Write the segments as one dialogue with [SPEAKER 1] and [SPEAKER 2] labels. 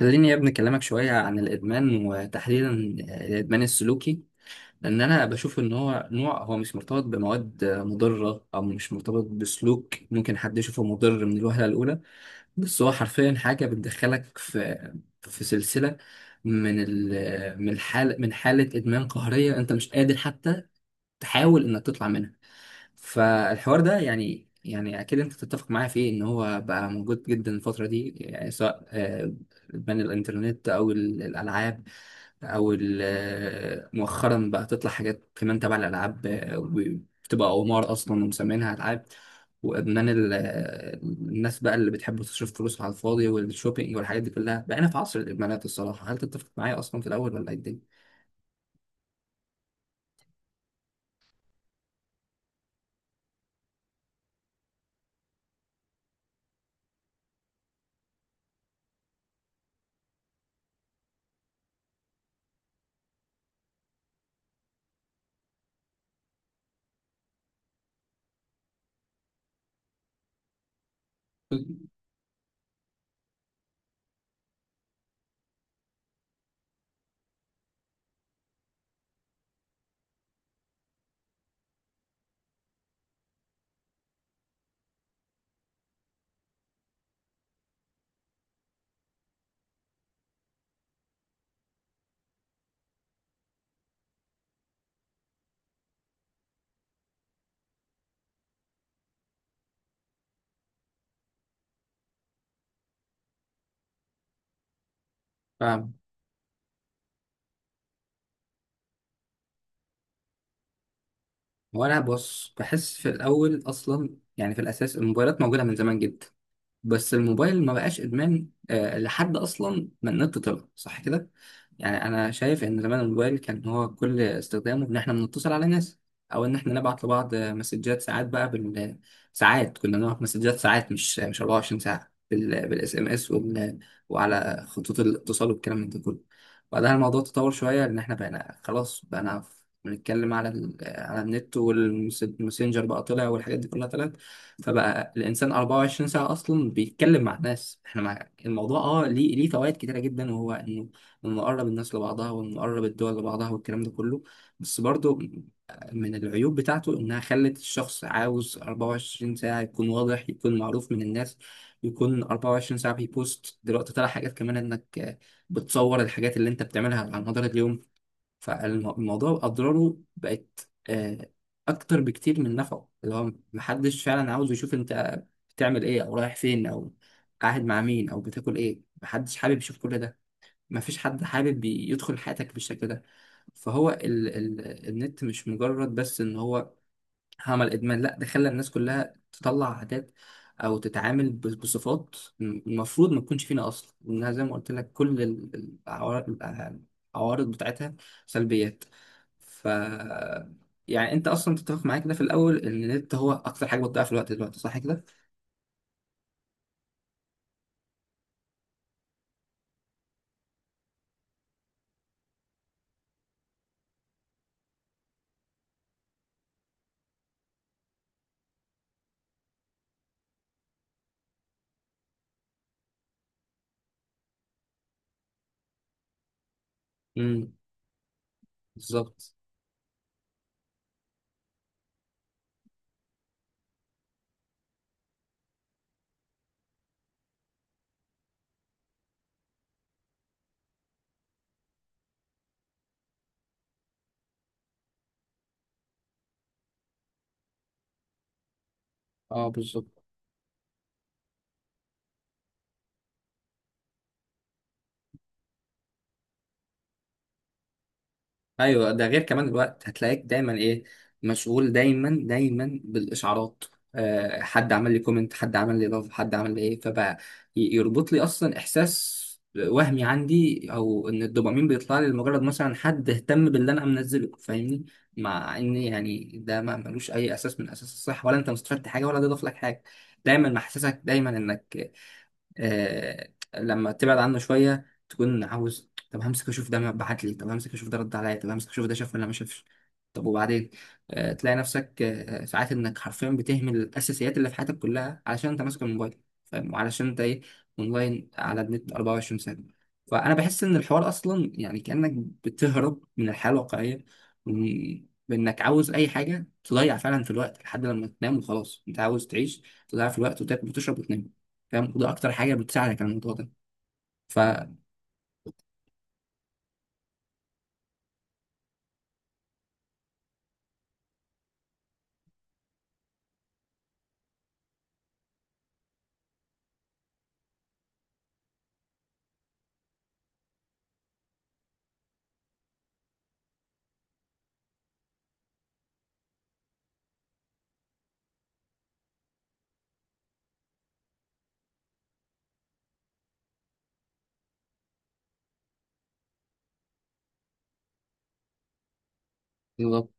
[SPEAKER 1] خليني يا ابني أكلمك شوية عن الإدمان، وتحديدا الإدمان السلوكي. لأن أنا بشوف إن هو نوع، هو مش مرتبط بمواد مضرة أو مش مرتبط بسلوك ممكن حد يشوفه مضر من الوهلة الأولى، بس هو حرفيا حاجة بتدخلك في سلسلة من الحال من حالة إدمان قهرية أنت مش قادر حتى تحاول إنك تطلع منها. فالحوار ده يعني اكيد انت تتفق معايا فيه ان هو بقى موجود جدا الفتره دي، يعني سواء بين الانترنت او الالعاب، او مؤخرا بقى تطلع حاجات كمان تبع الالعاب، وبتبقى قمار اصلا ومسمينها العاب، وادمان الناس بقى اللي بتحب تصرف فلوس على الفاضي والشوبينج والحاجات دي كلها. بقينا في عصر الادمانات الصراحه. هل تتفق معايا اصلا في الاول ولا ايه الدنيا؟ وانا بص، بحس في الاول اصلا، يعني في الاساس الموبايلات موجوده من زمان جدا، بس الموبايل ما بقاش ادمان لحد اصلا ما النت طلع، صح كده؟ يعني انا شايف ان زمان الموبايل كان هو كل استخدامه ان احنا بنتصل على ناس، او ان احنا نبعت لبعض مسجات. ساعات بقى ساعات كنا نبعت مسجات، ساعات مش 24 ساعه، بالاس ام اس وال... وعلى خطوط الاتصال والكلام من ده كله. بعدها الموضوع تطور شويه، ان احنا بقينا خلاص بقينا بنتكلم على ال... على النت، والماسنجر بقى طلع والحاجات دي كلها طلعت، فبقى الانسان 24 ساعه اصلا بيتكلم مع الناس. احنا مع الموضوع، اه، ليه فوائد كتيره جدا، وهو انه قرب الناس لبعضها، وانه قرب الدول لبعضها والكلام ده كله. بس برضو من العيوب بتاعته انها خلت الشخص عاوز 24 ساعه يكون واضح، يكون معروف من الناس، يكون 24 ساعه بيبوست. دلوقتي طلع حاجات كمان انك بتصور الحاجات اللي انت بتعملها على مدار اليوم، فالموضوع أضراره بقت أكتر بكتير من نفعه. اللي هو محدش فعلا عاوز يشوف أنت بتعمل إيه، أو رايح فين، أو قاعد مع مين، أو بتاكل إيه. محدش حابب يشوف كل ده. مفيش حد حابب يدخل حياتك بالشكل ده. فهو ال ال النت مش مجرد بس إن هو عمل ادمان، لا، ده خلى الناس كلها تطلع عادات او تتعامل بصفات المفروض ما تكونش فينا اصلا، لانها زي ما قلت لك كل العوارض بتاعتها سلبيات. ف يعني انت اصلا تتفق معايا كده في الاول ان النت هو اكتر حاجه بتضيع في الوقت دلوقتي، صح كده؟ امم بالظبط. اه بالظبط. ايوه ده غير كمان الوقت. هتلاقيك دايما ايه، مشغول دايما دايما بالاشعارات. أه، حد عمل لي كومنت، حد عمل لي لاف، حد عمل لي ايه. فبقى يربط لي اصلا احساس وهمي عندي، او ان الدوبامين بيطلع لي لمجرد مثلا حد اهتم باللي انا منزله، فاهمني؟ مع ان يعني ده ما ملوش اي اساس من اساس الصح، ولا انت مستفدت حاجه، ولا ده ضاف لك حاجه. دايما محسسك دايما انك آه لما تبعد عنه شويه تكون عاوز، طب همسك اشوف ده بعت لي، طب همسك اشوف ده رد عليا، طب همسك اشوف ده شاف ولا ما شافش. طب وبعدين؟ تلاقي نفسك ساعات انك حرفيا بتهمل الاساسيات اللي في حياتك كلها علشان انت ماسك الموبايل، فاهم؟ وعلشان انت ايه، اونلاين على النت 24 ساعه. فانا بحس ان الحوار اصلا يعني كانك بتهرب من الحياه الواقعيه، وإن- بانك عاوز اي حاجه تضيع فعلا في الوقت لحد لما تنام، وخلاص انت عاوز تعيش تضيع في الوقت، وتاكل، وتشرب، وتنام، فاهم؟ وده اكتر حاجه بتساعدك على الموضوع ده. ف بالظبط.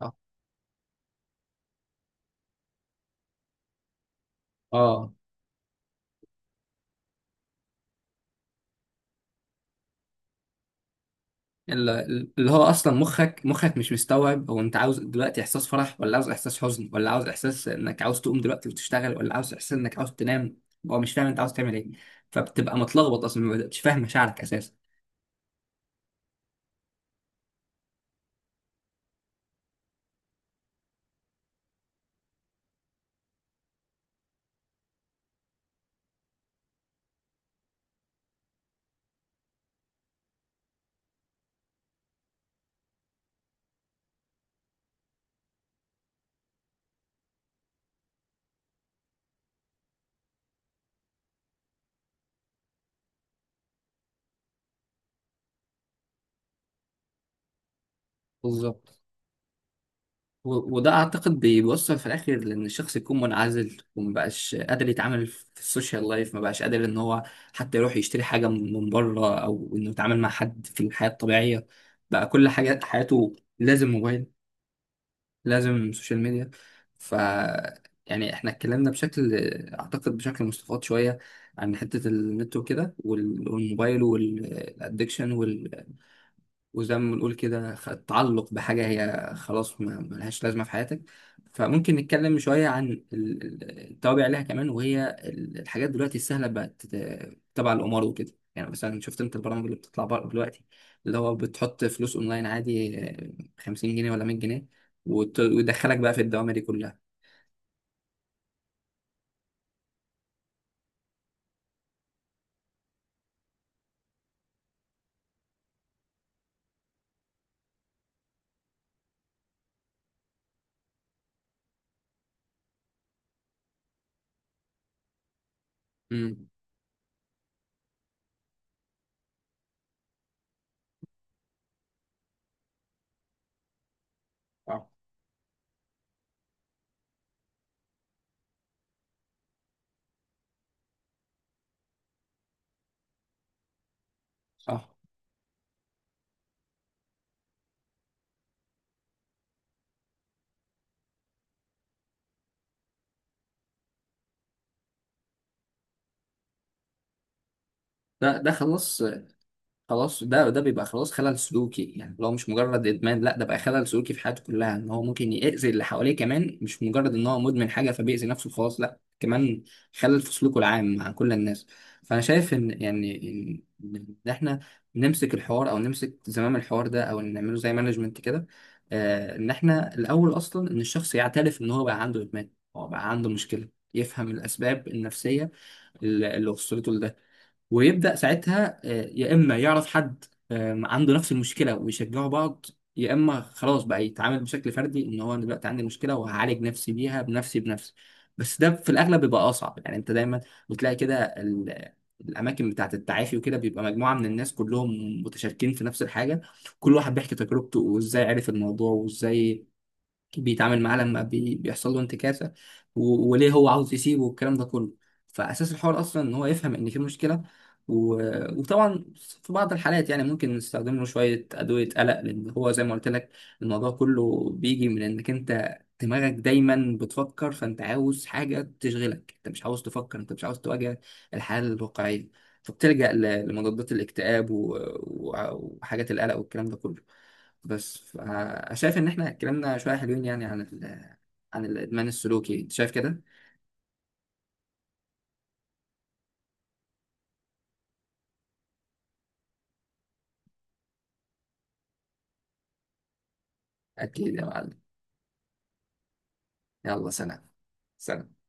[SPEAKER 1] اه آه. اللي هو اصلا مخك مش مستوعب هو انت عاوز دلوقتي احساس فرح، ولا عاوز احساس حزن، ولا عاوز احساس انك عاوز تقوم دلوقتي وتشتغل، ولا عاوز احساس انك عاوز تنام. هو مش فاهم انت عاوز تعمل ايه، فبتبقى متلخبط، اصلا ما بتبقاش فاهم مشاعرك اساسا. بالظبط. وده اعتقد بيوصل في الاخر لان الشخص يكون منعزل، ومبقاش قادر يتعامل في السوشيال لايف، مبقاش قادر ان هو حتى يروح يشتري حاجه من بره، او انه يتعامل مع حد في الحياه الطبيعيه. بقى كل حاجه، حياته لازم موبايل، لازم سوشيال ميديا. ف يعني احنا اتكلمنا بشكل، اعتقد بشكل مستفاض شويه، عن حته النت وكده والموبايل والادكشن. وزي ما بنقول كده، تعلق بحاجة هي خلاص ما ملهاش لازمة في حياتك. فممكن نتكلم شوية عن التوابع ليها كمان، وهي الحاجات دلوقتي السهلة بقت تبع القمار وكده، يعني مثلا شفت انت البرامج اللي بتطلع بره دلوقتي اللي هو بتحط فلوس اونلاين عادي، 50 جنيه ولا 100 جنيه، ويدخلك بقى في الدوامة دي كلها. امم آه. اه ده خلاص. خلاص، ده ده بيبقى خلاص خلل سلوكي، يعني لو مش مجرد ادمان، لا ده بقى خلل سلوكي في حياته كلها، ان هو ممكن يأذي اللي حواليه كمان، مش مجرد ان هو مدمن حاجه فبيأذي نفسه، خلاص لا، كمان خلل في سلوكه العام مع كل الناس. فانا شايف ان يعني ان إن احنا نمسك الحوار، او نمسك زمام الحوار ده، او نعمله زي مانجمنت كده، ان احنا الاول اصلا ان الشخص يعترف ان هو بقى عنده ادمان، هو بقى عنده مشكله، يفهم الاسباب النفسيه اللي وصلته لده، ويبدأ ساعتها يا إما يعرف حد عنده نفس المشكلة ويشجعوا بعض، يا إما خلاص بقى يتعامل بشكل فردي، إن هو أنا دلوقتي عندي مشكلة وهعالج نفسي بيها بنفسي بنفسي. بس ده في الأغلب بيبقى أصعب، يعني أنت دايما بتلاقي كده الأماكن بتاعة التعافي وكده بيبقى مجموعة من الناس كلهم متشاركين في نفس الحاجة. كل واحد بيحكي تجربته، وإزاي عرف الموضوع، وإزاي بيتعامل معاه لما بيحصل له انتكاسه، و... وليه هو عاوز يسيبه والكلام ده كله. فاساس الحوار اصلا ان هو يفهم ان في مشكله، و... وطبعا في بعض الحالات يعني ممكن نستخدم له شويه ادويه قلق، لان هو زي ما قلت لك الموضوع كله بيجي من انك انت دماغك دايما بتفكر، فانت عاوز حاجه تشغلك، انت مش عاوز تفكر، انت مش عاوز تواجه الحاله الواقعيه، فبتلجأ لمضادات الاكتئاب، و... و... وحاجات القلق والكلام ده كله. بس شايف ان احنا اتكلمنا شويه حلوين يعني عن ال... عن الادمان السلوكي، انت شايف كده؟ اكيد يا معلم. يلا سلام. سلام.